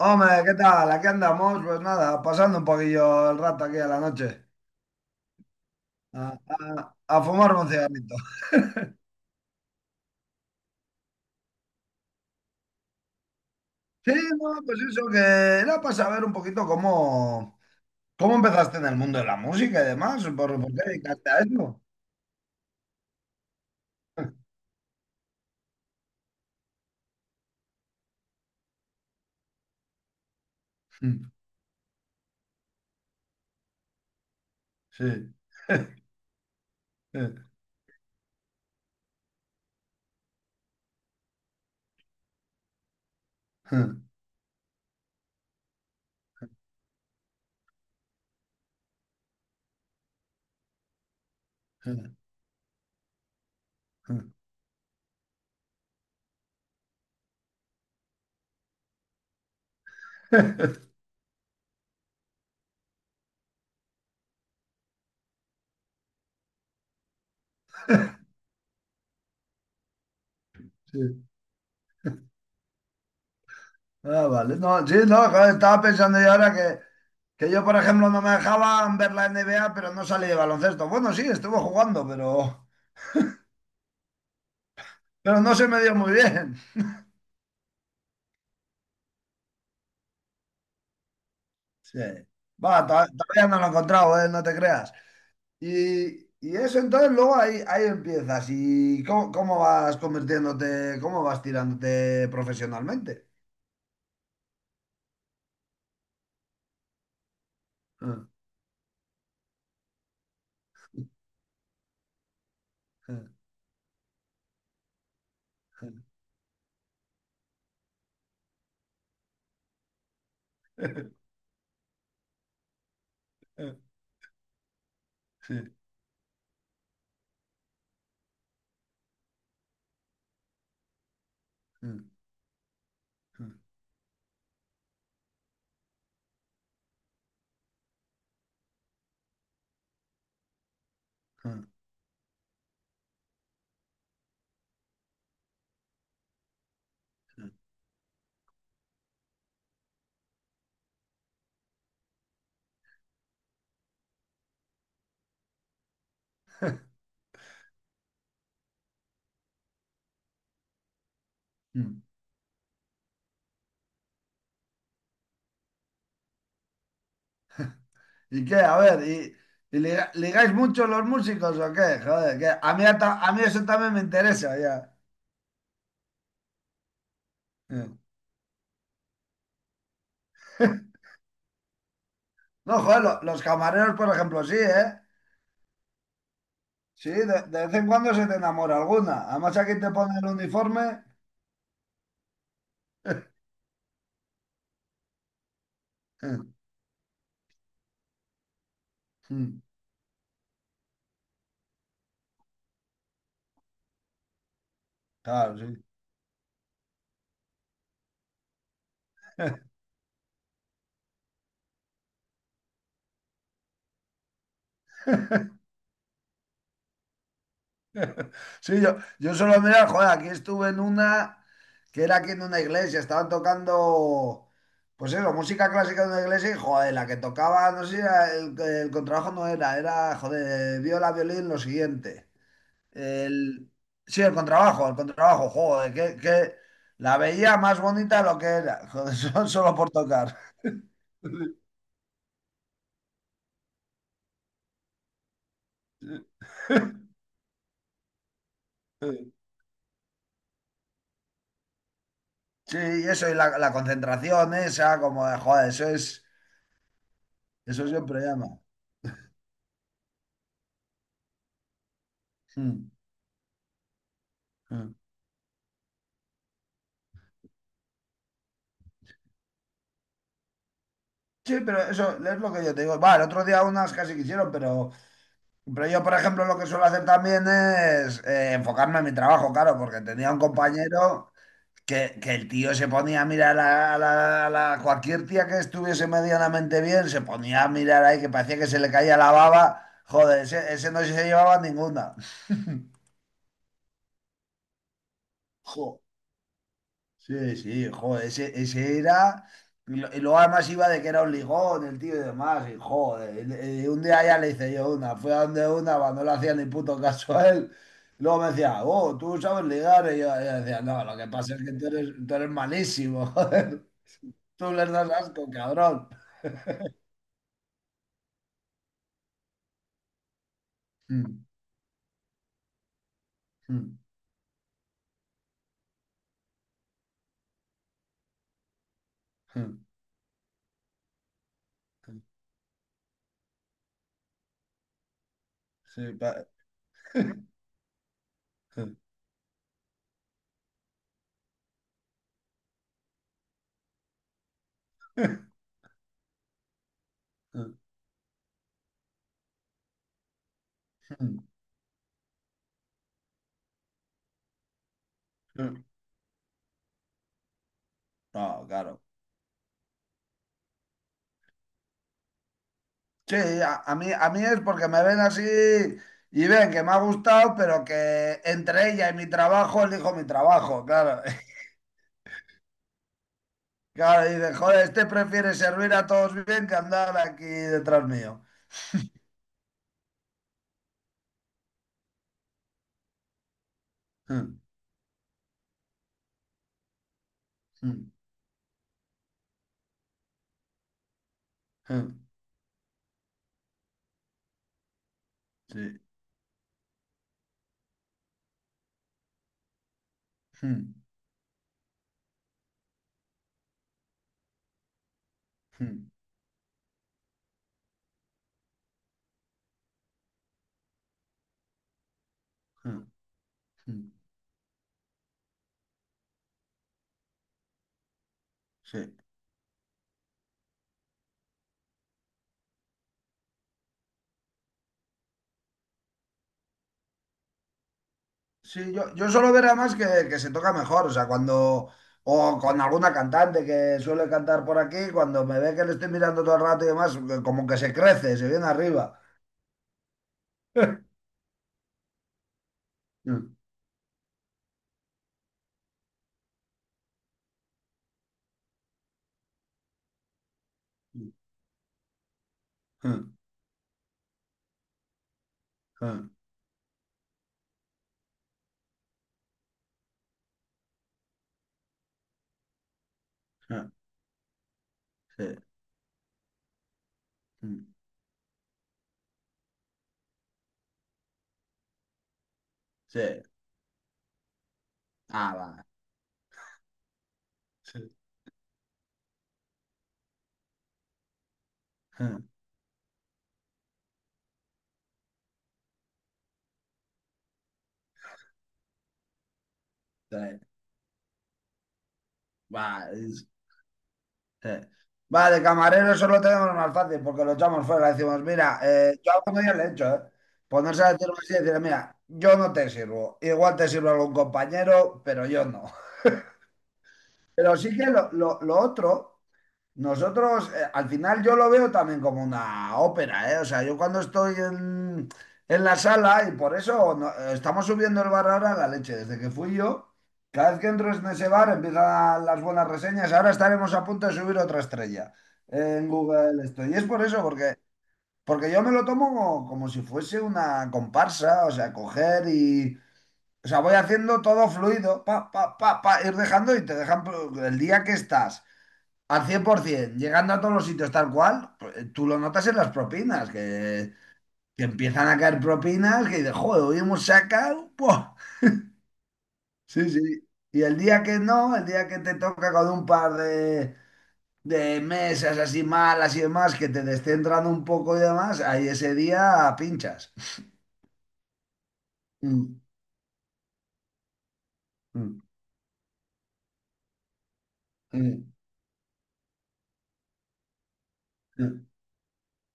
Hombre, ¿qué tal? Aquí andamos, pues nada, pasando un poquillo el rato aquí a la noche, a fumar un cigarrito. Sí, no, pues eso, que era para saber un poquito cómo empezaste en el mundo de la música y demás, por qué dedicaste a eso. Sí. Sí. Ah, vale. No, sí, no, joder, estaba pensando yo ahora que yo, por ejemplo, no me dejaban ver la NBA, pero no salí de baloncesto. Bueno, sí, estuve jugando, pero... Pero no se me dio muy bien. Sí. Va, todavía no lo he encontrado, ¿eh? No te creas. Y eso entonces luego ahí empiezas. ¿Y cómo vas convirtiéndote, cómo vas tirándote profesionalmente? Sí. ¿Y qué? A ver, ¿ ligáis mucho los músicos o qué? Joder, que a mí, a mí eso también me interesa ya. No, joder, los camareros, por ejemplo, sí, ¿eh? Sí, de vez en cuando se te enamora alguna. Además aquí te pone el uniforme. Mm, mm, Claro, sí. Sí, yo solo mira, joder, aquí estuve en una que era aquí en una iglesia, estaban tocando, pues eso, música clásica de una iglesia y joder, la que tocaba, no sé, si era el contrabajo no era, era, joder, viola, violín, lo siguiente. El, sí, el contrabajo, joder, que la veía más bonita de lo que era, joder, solo por tocar. Sí, y eso, y la concentración esa, como de, joder, eso es, eso siempre llama. Mm, mm. Sí, pero eso es lo que yo te digo. Va, el otro día unas casi quisieron, pero yo, por ejemplo, lo que suelo hacer también es enfocarme en mi trabajo, claro, porque tenía un compañero que el tío se ponía a mirar a cualquier tía que estuviese medianamente bien, se ponía a mirar ahí, que parecía que se le caía la baba. Joder, ese no se llevaba ninguna. Jo. Sí, sí, joder, ese era. Y y luego además iba de que era un lijón, el tío y demás, y joder. Y y un día ya le hice yo una, fui a donde una cuando no le hacía ni puto caso a él. Luego me decía, oh, tú sabes ligar. Y yo decía, no, lo que pasa es que tú eres malísimo, joder. Tú les das asco, cabrón. Mm, mm, mm, mm. Sí, No, claro. Sí, a mí es porque me ven así y ven que me ha gustado, pero que entre ella y mi trabajo elijo mi trabajo, claro. Claro, y dicen, joder, este prefiere servir a todos bien que andar aquí detrás mío. Sí, sí. Sí, yo suelo ver además que se toca mejor, o sea, cuando, o con alguna cantante que suele cantar por aquí, cuando me ve que le estoy mirando todo el rato y demás, como que se crece, se viene arriba. うんうんうんせうんせah, va. Sí. Mm, tres, va, es- eh. Va, de camarero solo tenemos más fácil porque lo echamos fuera. Le decimos, mira, yo algún día le he hecho, ¿eh? Ponerse a decirlo así y decirle, mira, yo no te sirvo. Igual te sirve algún compañero, pero yo no. Pero sí que lo otro. Nosotros, al final yo lo veo también como una ópera, ¿eh? O sea, yo cuando estoy en la sala, y por eso estamos subiendo el bar ahora a la leche, desde que fui yo, cada vez que entro en ese bar empiezan las buenas reseñas, ahora estaremos a punto de subir otra estrella en Google esto. Y es por eso, porque yo me lo tomo como, como si fuese una comparsa, o sea, coger y... O sea, voy haciendo todo fluido, pa, pa, pa, pa, ir dejando y te dejan pues, el día que estás al 100%, llegando a todos los sitios tal cual, pues, tú lo notas en las propinas, que empiezan a caer propinas, que dices, joder, hoy hemos sacado. ¡Buah! Sí, sí. Y el día que no, el día que te toca con un par de mesas así malas y demás, que te descentran un poco y demás, ahí ese día pinchas. Mm, mm, mm, mm.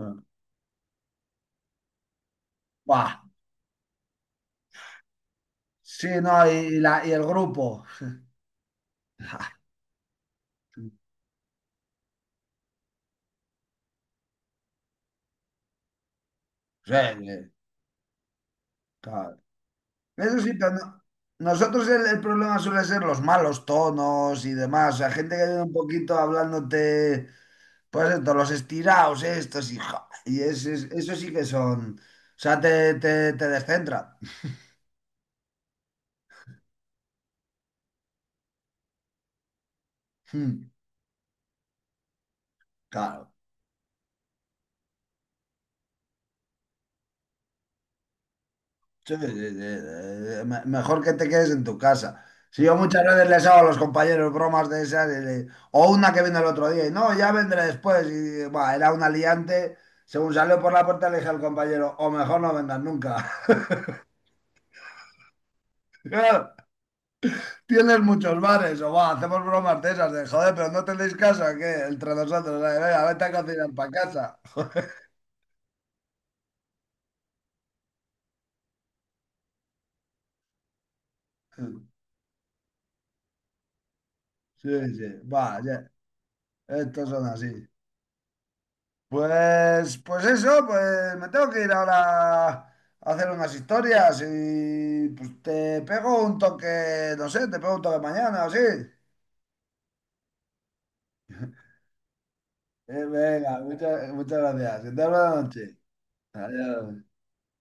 mm. Buah. Sí, no, y, y el grupo. Sí, sí, claro. Eso sí, pero nosotros el problema suele ser los malos tonos y demás. O sea, gente que viene un poquito hablándote, pues esto, los estirados, estos y, eso sí que son. O sea, te descentra. Mm, Claro. Sí, sí, sí, mejor que te quedes en tu casa. Si yo muchas veces les hago a los compañeros bromas de esas, y o una que vino el otro día, y no, ya vendré después. Y bah, era un aliante. Según salió por la puerta, le dije al compañero, o mejor no vendas nunca. Claro, tienes muchos bares, o va, hacemos bromas de esas, de joder, pero no tenéis casa, que entre nosotros, venga, vete a cocinar para casa. Sí, sí, va, ya, estos son así. Pues, pues eso, pues me tengo que ir ahora a hacer unas historias y pues te pego un toque, no sé, te pego un toque mañana o así. Venga, muchas, muchas gracias. Que tengas buena noche. Adiós.